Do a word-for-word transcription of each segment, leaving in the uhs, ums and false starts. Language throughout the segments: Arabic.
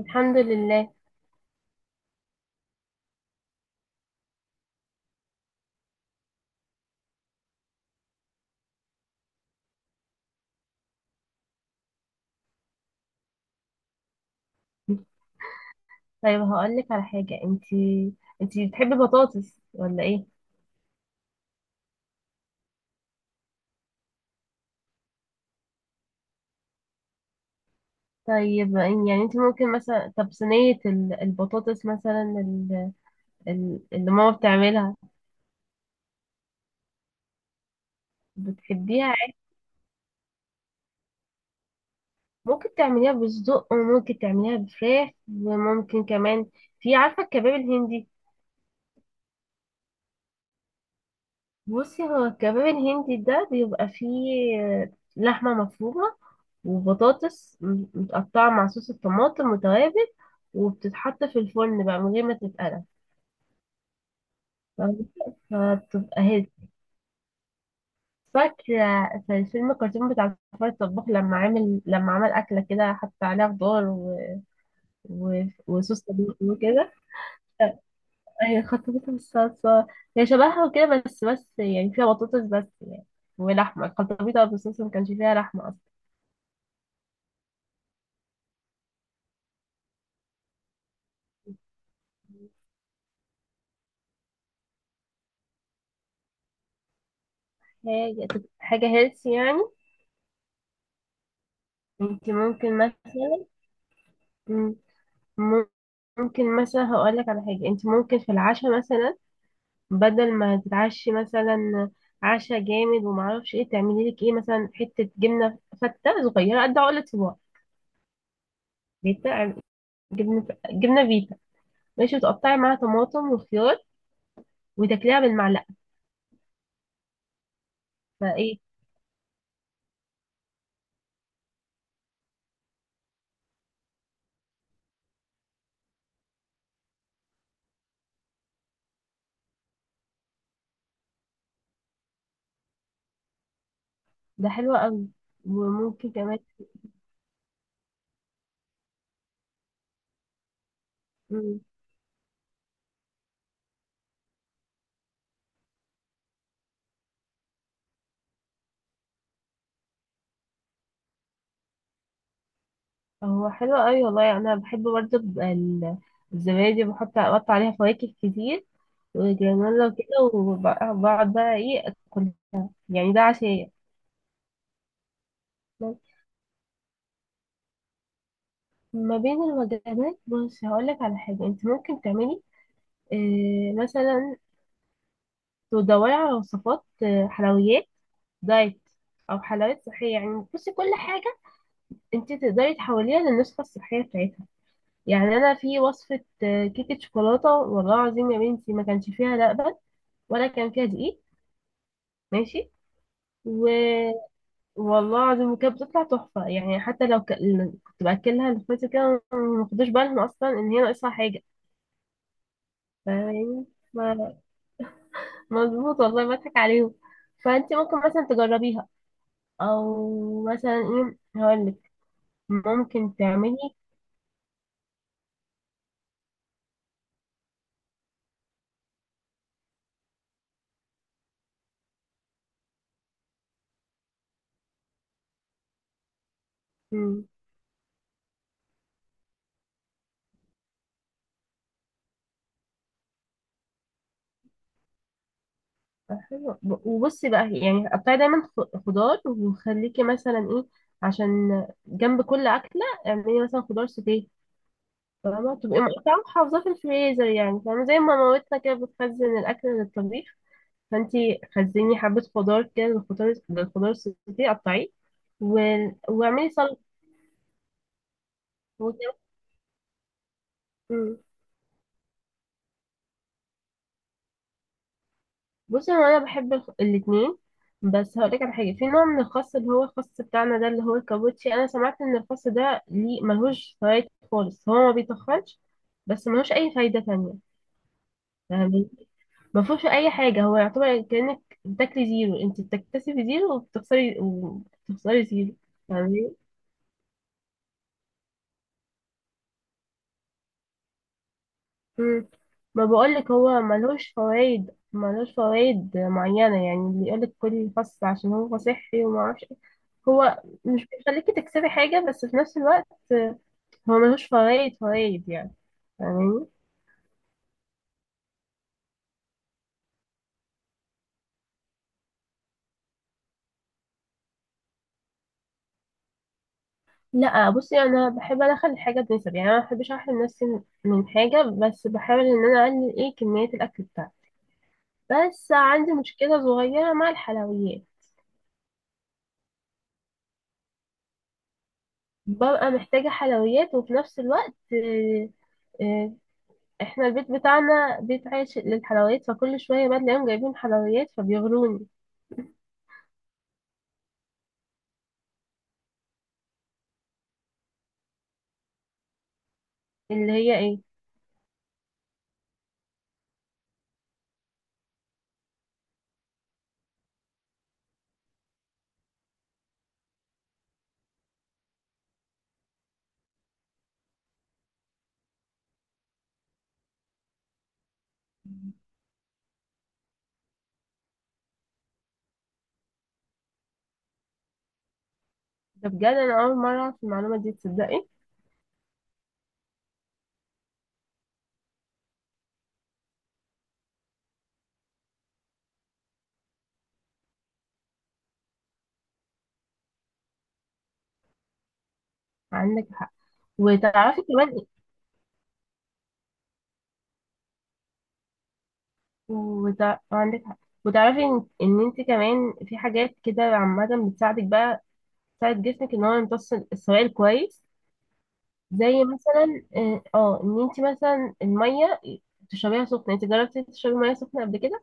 الحمد لله. طيب، هقول لك على حاجة. انتي انتي بتحبي بطاطس ولا ايه؟ طيب، يعني انتي ممكن مثلا، طب صينية ال- البطاطس مثلا، ال- ال- اللي ماما بتعملها. بتحبيها عادي؟ ممكن تعمليها بالصدق، وممكن تعمليها بفراخ، وممكن كمان. في عارفة الكباب الهندي؟ بصي، هو الكباب الهندي ده بيبقى فيه آه، لحمة مفرومة، وبطاطس م- متقطعة مع صوص الطماطم وتوابل، وبتتحط في الفرن بقى من غير ما تتقلى. فاهمة؟ فبتبقى هيلثي. فاكرة في الفيلم الكرتون بتاع فار الطباخ، لما عامل لما عمل أكلة كده، حط عليها خضار و... و... وصوص طماطم وكده. هي خطفتها بالصلصة، هي شبهها وكده، بس بس يعني فيها بطاطس، بس يعني، ولحمة الخلطبيطة بالصلصة ما كانش فيها لحمة أصلا. حاجة طب حاجة هيلث يعني. انت ممكن مثلا، مم، ممكن مثلا هقولك على حاجة. انت ممكن في العشاء مثلا، بدل ما تتعشي مثلا عشاء جامد ومعرفش ايه، تعملي لك ايه، مثلا حتة جبنة فتة صغيرة قد عقلة صباع. فيتا، جبنة جبنة فيتا، ماشي، وتقطعي معاها طماطم وخيار، وتاكليها بالمعلقة. فايه، ده حلو قوي. وممكن كمان، هو حلو قوي والله. يعني انا بحب برضه ال- الزبادي، بحط، اقطع عليها فواكه كتير وجرانولا وكده، وبقعد بقى ايه اكل. يعني ده عشاء. ما بين الوجبات، بص هقولك على حاجة انت ممكن تعملي إيه مثلا. تدوري على وصفات آه، حلويات دايت، او حلويات صحية. يعني بصي، كل حاجة انت تقدري تحوليها للنسخة الصحية بتاعتها. يعني انا في وصفة آه، كيكة شوكولاتة، والله العظيم يا بنتي، ما كانش فيها لبن، ولا كان فيها دقيق، ماشي، و والله العظيم، وكانت بتطلع تحفة يعني، حتى لو ك... كنت بأكلها لاخواتي كده، ما خدوش بالهم أصلا إن هي ناقصها حاجة. ف- يعني، ما- مظبوط والله، بضحك عليهم. فأنت ممكن مثلا تجربيها، أو مثلا إيه، هقولك ممكن تعملي، مم، حلو. ب- وبصي بقى، يعني قطعي دايما خ- خضار، وخليكي مثلا إيه، عشان جنب كل أكلة اعملي مثلا خضار سوتيه. فاهمة؟ تبقي اه مقطعة محافظاه في الفريزر يعني، فاهمة؟ زي ما مامتنا كده بتخزن الأكل للطبيخ. فانتي خزني حبة خضار كده للخضار، للخضار السوتيه قطعيه، و... واعملي سلطة وكده. مم. بصي، هو أنا بحب الخ- الاتنين. بس هقولك على حاجة، في نوع من الخس اللي هو الخس بتاعنا ده، اللي هو الكابوتشي. أنا سمعت إن الخس ده ليه، ملهوش فوائد خالص. هو ما بيتخنش، بس ملهوش أي فايدة تانية. فاهمة؟ ما فيهوش اي حاجه. هو يعتبر كانك بتاكلي زيرو، انت بتكتسبي زيرو، وبتخسري وبتخسري زيرو. فاهمين؟ مم. ما بقولك هو ملهوش فوائد، ملهوش فوائد معينه يعني. اللي يقولك كل خس عشان هو صحي وما اعرفش إيه، هو مش بيخليكي تكسبي حاجه، بس في نفس الوقت هو ملهوش فوائد، فوائد يعني. فاهمين؟ لا، بصي انا بحب ادخل الحاجه بنسب، يعني انا ما بحبش احرم نفسي من حاجه، بس بحاول ان انا اقلل ايه، كميه الاكل بتاعي. بس عندي مشكلة صغيرة مع الحلويات. ببقى محتاجة حلويات، وفي نفس الوقت، آه، آه، احنا البيت بتاعنا بيت عايش للحلويات، فكل شوية بقى تلاقيهم جايبين حلويات فبيغروني. اللي هي ايه؟ ده بجد، انا اول مرة اعرف المعلومة دي، تصدقي؟ عندك حق. وتعرفي كمان إيه؟ وتع... عندك حق. وتعرفي ان، إن انت كمان، في حاجات كده عامة بتساعدك بقى، تساعد جسمك ان هو يمتص السوائل كويس. زي مثلا اه آه، ان انت مثلا الميه تشربيها سخنه. انت جربتي تشربي ميه سخنه قبل كده؟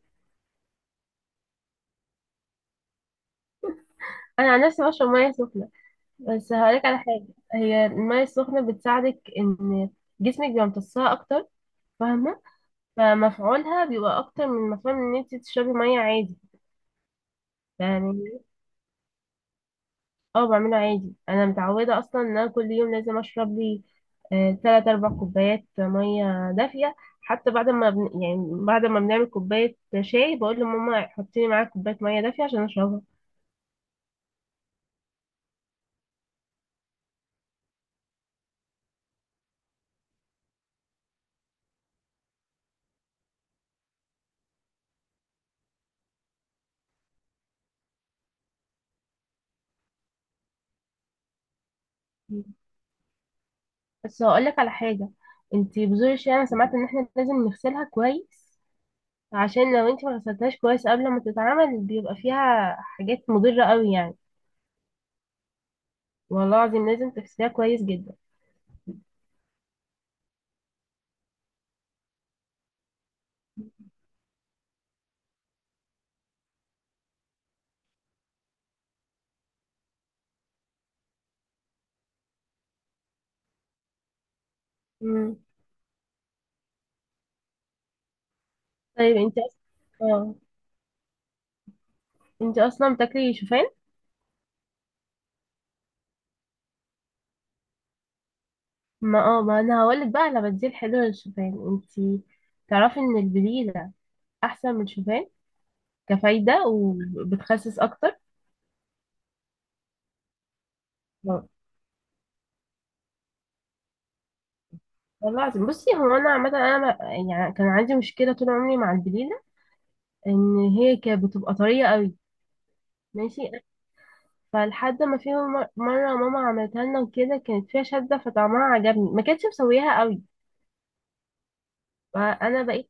انا عن نفسي بشرب ميه سخنه. بس هقولك على حاجه، هي الميه السخنه بتساعدك ان جسمك بيبقى امتصها اكتر. فاهمه؟ فمفعولها بيبقى اكتر من مفعول ان انت تشربي ميه عادي. يعني اه، بعمله عادي. انا متعوده اصلا ان انا كل يوم لازم اشرب لي آه، تلات اربع كوبايات ميه دافيه. حتى بعد ما بن... يعني، بعد ما بنعمل كوبايه شاي، بقول لماما حطي لي معاها كوبايه ميه دافيه عشان اشربها. بس هقول لك على حاجه، انتي بذور الشاي انا سمعت ان احنا لازم نغسلها كويس، عشان لو انتي ما غسلتهاش كويس قبل ما تتعمل، بيبقى فيها حاجات مضره قوي يعني. والله العظيم لازم تغسليها كويس جدا. مم. طيب، انتي أص... اه انتي اصلا بتاكلي شوفان. ما اه ما انا هقولك بقى على بديل حلو للشوفان. انتي تعرفي ان البليلة احسن من الشوفان كفايدة، وبتخسس اكتر. والله العظيم، بصي، هو انا عامة، انا ما- يعني كان عندي مشكلة طول عمري مع البليلة، ان هي كانت بتبقى طرية قوي، ماشي. فلحد ما في مر- مرة ماما عملتها لنا وكده، كانت فيها شدة، فطعمها عجبني، ما كانتش مسويها قوي. فانا بقيت،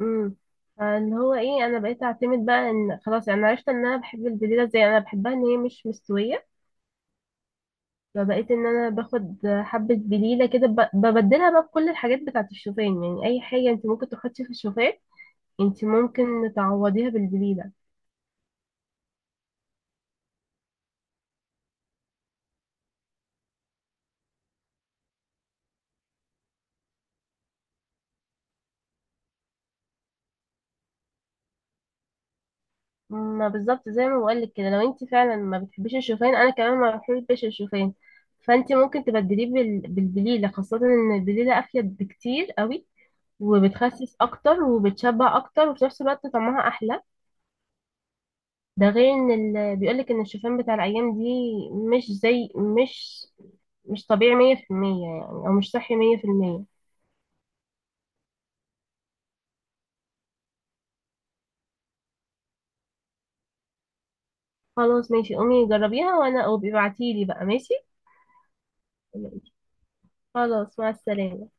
امم اللي هو ايه، انا بقيت اعتمد بقى ان خلاص، يعني انا عرفت ان انا بحب البليلة، زي انا بحبها ان هي مش مستوية. فبقيت ان انا باخد حبة بليلة كده، ب- ببدلها بقى بكل الحاجات بتاعة الشوفان يعني. اي حاجة انت ممكن تحطي في الشوفان، انت ممكن تعوضيها بالبليلة. ما بالظبط زي ما بقولك كده، لو انت فعلا ما بتحبيش الشوفان، انا كمان ما بحبش الشوفان. فانت ممكن تبدليه بال... بالبليلة، خاصة ان البليلة افيد بكتير قوي، وبتخسس اكتر، وبتشبع اكتر، وفي نفس الوقت طعمها احلى. ده غير ان ال... بيقولك ان الشوفان بتاع الايام دي، مش زي مش مش طبيعي مية في المية يعني، او مش صحي مية في المية. خلاص ماشي، قومي جربيها، وانا او ابعتيلي بقى ماشي. ماشي، خلاص، مع السلامة.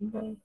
باي.